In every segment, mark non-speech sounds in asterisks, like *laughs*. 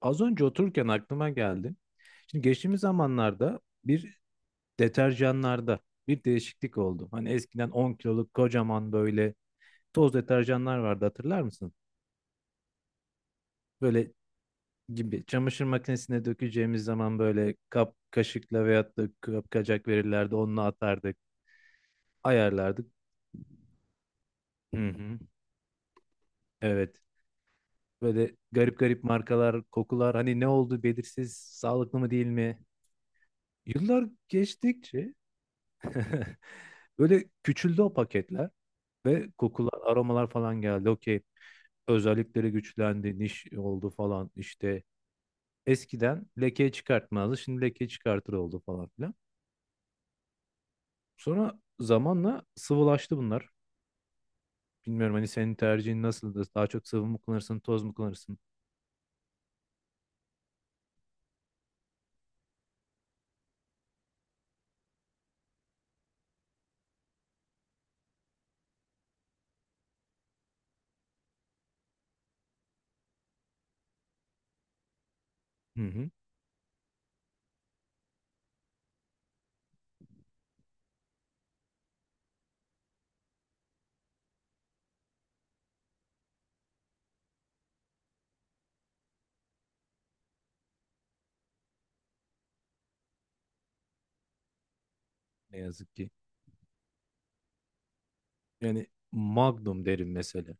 Az önce otururken aklıma geldi. Şimdi geçtiğimiz zamanlarda bir deterjanlarda bir değişiklik oldu. Hani eskiden 10 kiloluk kocaman böyle toz deterjanlar vardı, hatırlar mısın? Böyle gibi çamaşır makinesine dökeceğimiz zaman böyle kap kaşıkla veyahut da kapkacak verirlerdi. Onunla atardık, ayarlardık. Hı hı. Evet. Böyle garip garip markalar, kokular, hani ne oldu belirsiz, sağlıklı mı değil mi? Yıllar geçtikçe *laughs* böyle küçüldü o paketler ve kokular, aromalar falan geldi. Okey. Özellikleri güçlendi, niş oldu falan işte. Eskiden lekeyi çıkartmazdı. Şimdi lekeyi çıkartır oldu falan filan. Sonra zamanla sıvılaştı bunlar. Bilmiyorum, hani senin tercihin nasıldır? Daha çok sıvı mı kullanırsın, toz mu kullanırsın? Hı hı. Ne yazık ki. Yani Magnum derim mesela.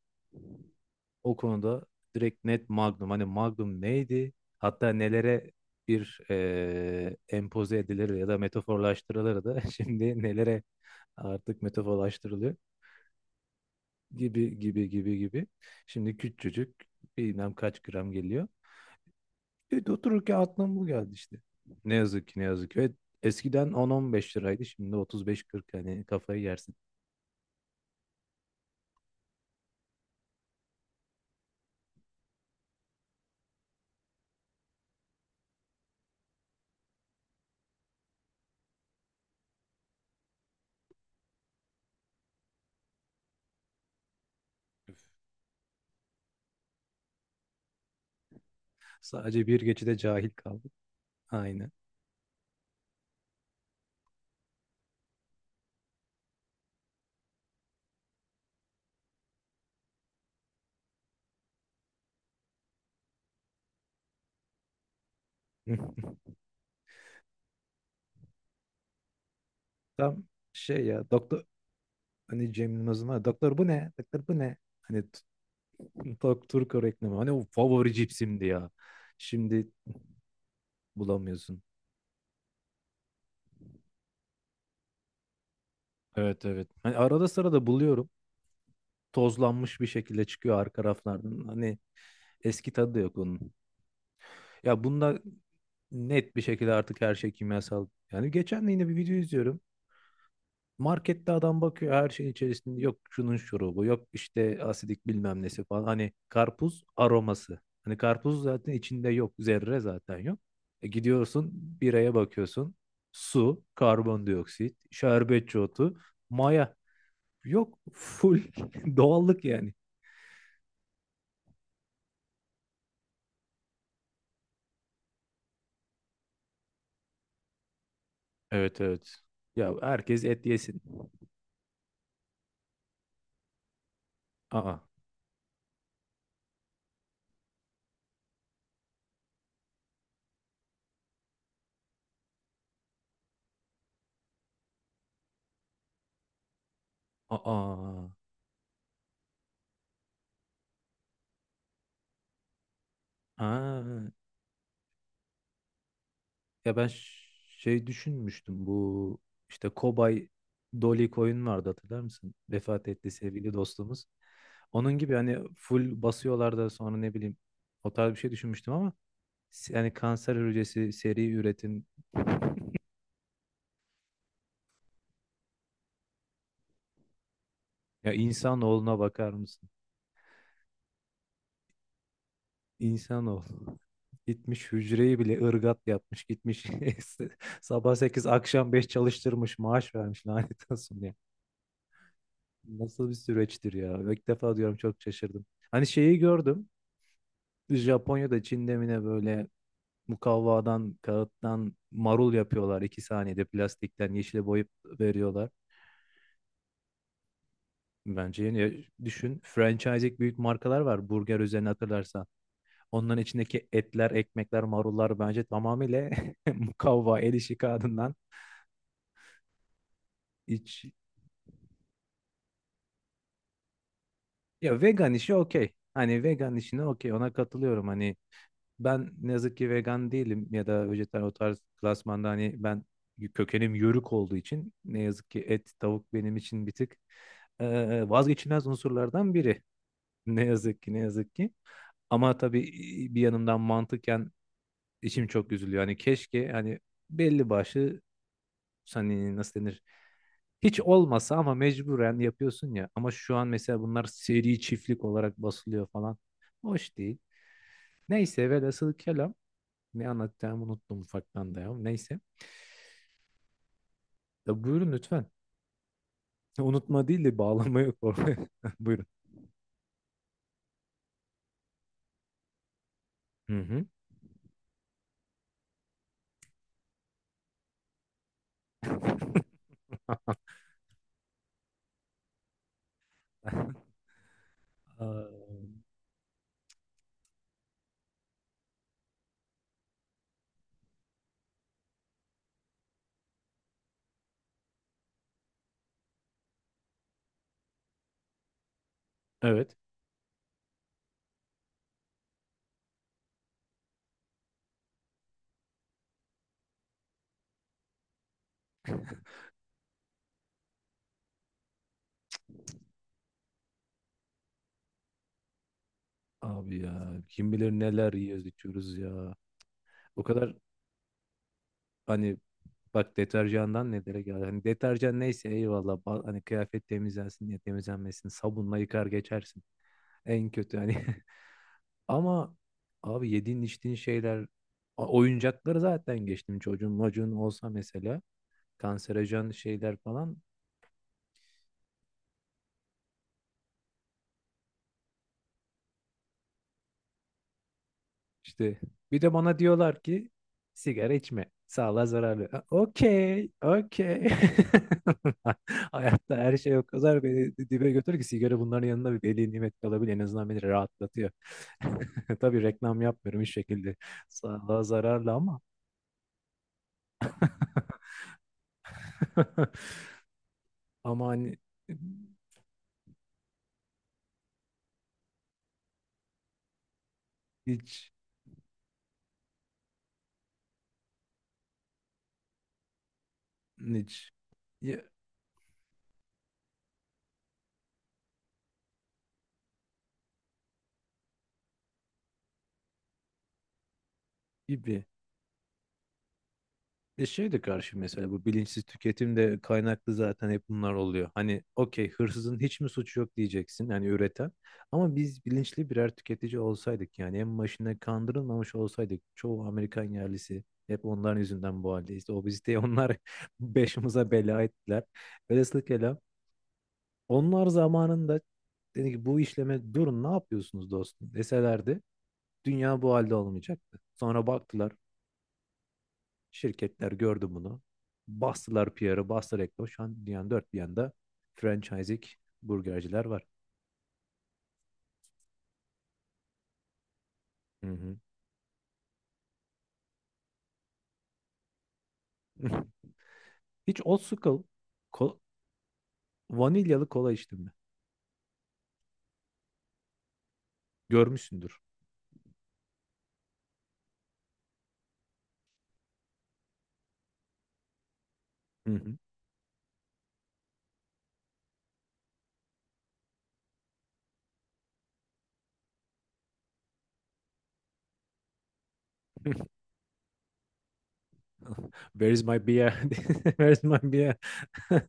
O konuda direkt net Magnum. Hani Magnum neydi? Hatta nelere bir empoze edilir ya da metaforlaştırılır da *laughs* şimdi nelere artık metaforlaştırılıyor gibi gibi gibi gibi. Şimdi küçücük bilmem kaç gram geliyor. Evet, otururken aklıma bu geldi işte. Ne yazık ki, ne yazık ki. Evet, eskiden 10-15 liraydı, şimdi 35-40, hani kafayı yersin. Sadece bir geçide cahil kaldı. Aynen. *laughs* Tam şey ya, doktor, hani Cem Yılmaz'ın var ya, doktor bu ne? Doktor bu ne? Hani Turko reklamı. Hani o favori cipsimdi ya. Şimdi bulamıyorsun. Evet, evet. Hani arada sırada buluyorum. Tozlanmış bir şekilde çıkıyor arka raflardan. Hani eski tadı da yok onun. Ya bunda net bir şekilde artık her şey kimyasal. Yani geçen de yine bir video izliyorum. Markette adam bakıyor, her şeyin içerisinde yok şunun şurubu, yok işte asidik bilmem nesi falan. Hani karpuz aroması. Hani karpuz zaten içinde yok zerre, zaten yok. E gidiyorsun biraya bakıyorsun, su, karbondioksit, şerbetçi otu, maya, yok full *laughs* doğallık yani. Evet, evet. Ya herkes et yesin. Aa, aa, aa. Ya ben şey düşünmüştüm, bu işte Kobay Dolly Coyne vardı, hatırlar mısın? Vefat etti sevgili dostumuz. Onun gibi hani full basıyorlar da sonra ne bileyim o tarz bir şey düşünmüştüm ama yani kanser hücresi seri üretim. Ya insanoğluna bakar mısın? İnsanoğlu. *laughs* Gitmiş hücreyi bile ırgat yapmış, gitmiş *laughs* sabah 8 akşam 5 çalıştırmış, maaş vermiş, lanet olsun ya. Nasıl bir süreçtir ya. İlk defa diyorum, çok şaşırdım. Hani şeyi gördüm. Japonya'da, Çin'de mi ne, böyle mukavvadan, kağıttan marul yapıyorlar. 2 saniyede plastikten yeşile boyayıp veriyorlar. Bence yeni düşün. Franchising büyük markalar var burger üzerine, hatırlarsan. Onların içindeki etler, ekmekler, marullar bence tamamıyla *laughs* mukavva, el işi kağıdından iç. Ya vegan işi okey. Hani vegan işine okey, ona katılıyorum. Hani ben ne yazık ki vegan değilim ya da vejetaryen, o tarz klasmanda hani, ben kökenim yörük olduğu için ne yazık ki et, tavuk benim için bir tık vazgeçilmez unsurlardan biri. Ne yazık ki, ne yazık ki. Ama tabii bir yanımdan mantıken içim çok üzülüyor. Hani keşke, hani belli başlı, hani nasıl denir, hiç olmasa, ama mecburen yapıyorsun ya. Ama şu an mesela bunlar seri çiftlik olarak basılıyor falan. Hoş değil. Neyse, velhasıl kelam. Ne anlatacağımı unuttum ufaktan da ya. Neyse. Ya buyurun lütfen. *laughs* Unutma değil de bağlamayı korkuyor. *laughs* Buyurun. Hı hı. *laughs* Aa. Evet. Abi ya, kim bilir neler yiyoruz, içiyoruz ya. O kadar, hani bak deterjandan nelere geldi. Hani deterjan neyse, eyvallah. Hani kıyafet temizlensin diye, temizlenmesin. Sabunla yıkar geçersin. En kötü hani. *laughs* Ama abi yediğin içtiğin şeyler, oyuncakları zaten geçtim, çocuğun olsa mesela. Kanserojen şeyler falan. İşte bir de bana diyorlar ki sigara içme, sağlığa zararlı. Ha, okey, okey. *laughs* Hayatta her şey o kadar beni dibe götür ki, sigara bunların yanında bir veli nimet kalabilir. En azından beni rahatlatıyor. *laughs* Tabii reklam yapmıyorum hiç şekilde. Sağlığa zararlı ama. *laughs* Ama hani hiç hiç ya, gibi. E şey de karşı, mesela bu bilinçsiz tüketim de kaynaklı zaten hep bunlar oluyor. Hani okey, hırsızın hiç mi suçu yok diyeceksin yani, üreten. Ama biz bilinçli birer tüketici olsaydık, yani en başına kandırılmamış olsaydık, çoğu Amerikan yerlisi, hep onların yüzünden bu haldeyiz. Obeziteyi onlar *laughs* başımıza bela ettiler. Velhasıl kelam, onlar zamanında dedi ki bu işleme durun, ne yapıyorsunuz dostum deselerdi, dünya bu halde olmayacaktı. Sonra baktılar. Şirketler gördü bunu. Bastılar PR'ı, bastılar reklamı. Şu an dünyanın dört bir yanında franchising burgerciler var. Hı hı. *laughs* Hiç old school ko- vanilyalı kola içtin mi? Görmüşsündür. Hı hı. Where is my beer? *laughs* Where is my beer? *laughs*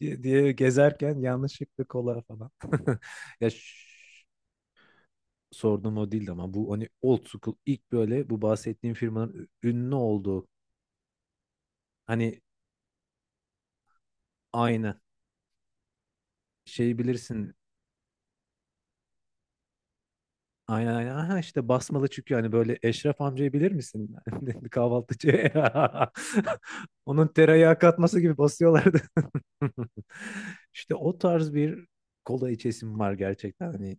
diye diye gezerken yanlışlıkla kola falan. *laughs* Ya şş, sorduğum o değildi ama, bu hani old school, ilk böyle bu bahsettiğim firmanın ünlü olduğu, hani aynı şey bilirsin. Aynen, aynen. Aha işte basmalı, çünkü hani böyle Eşref amcayı bilir misin? *laughs* Kahvaltıcı. *laughs* Onun tereyağı katması gibi basıyorlardı. *laughs* İşte o tarz bir kola içesim var gerçekten. Hani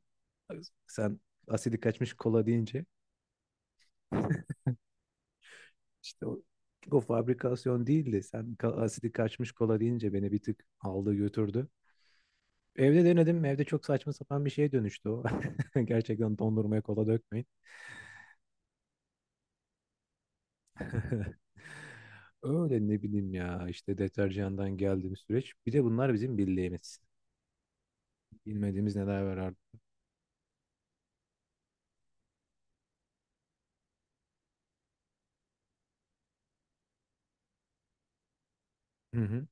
sen asidi kaçmış kola deyince *laughs* işte o fabrikasyon değildi. Sen asidi kaçmış kola deyince beni bir tık aldı götürdü. Evde denedim. Evde çok saçma sapan bir şeye dönüştü o. *laughs* Gerçekten dondurmaya kola dökmeyin. *laughs* Öyle ne bileyim ya, işte deterjandan geldiğimiz süreç. Bir de bunlar bizim bildiğimiz. Bilmediğimiz neler var artık. Hı hı.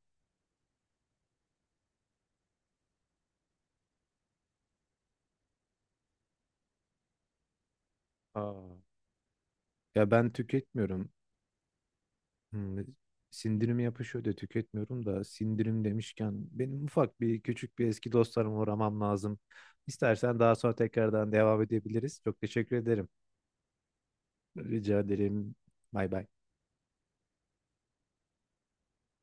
Aa. Ya ben tüketmiyorum. Hmm, sindirim yapışıyor da tüketmiyorum da, sindirim demişken benim ufak bir, küçük bir eski dostlarıma uğramam lazım. İstersen daha sonra tekrardan devam edebiliriz. Çok teşekkür ederim. Rica ederim. Bay bay.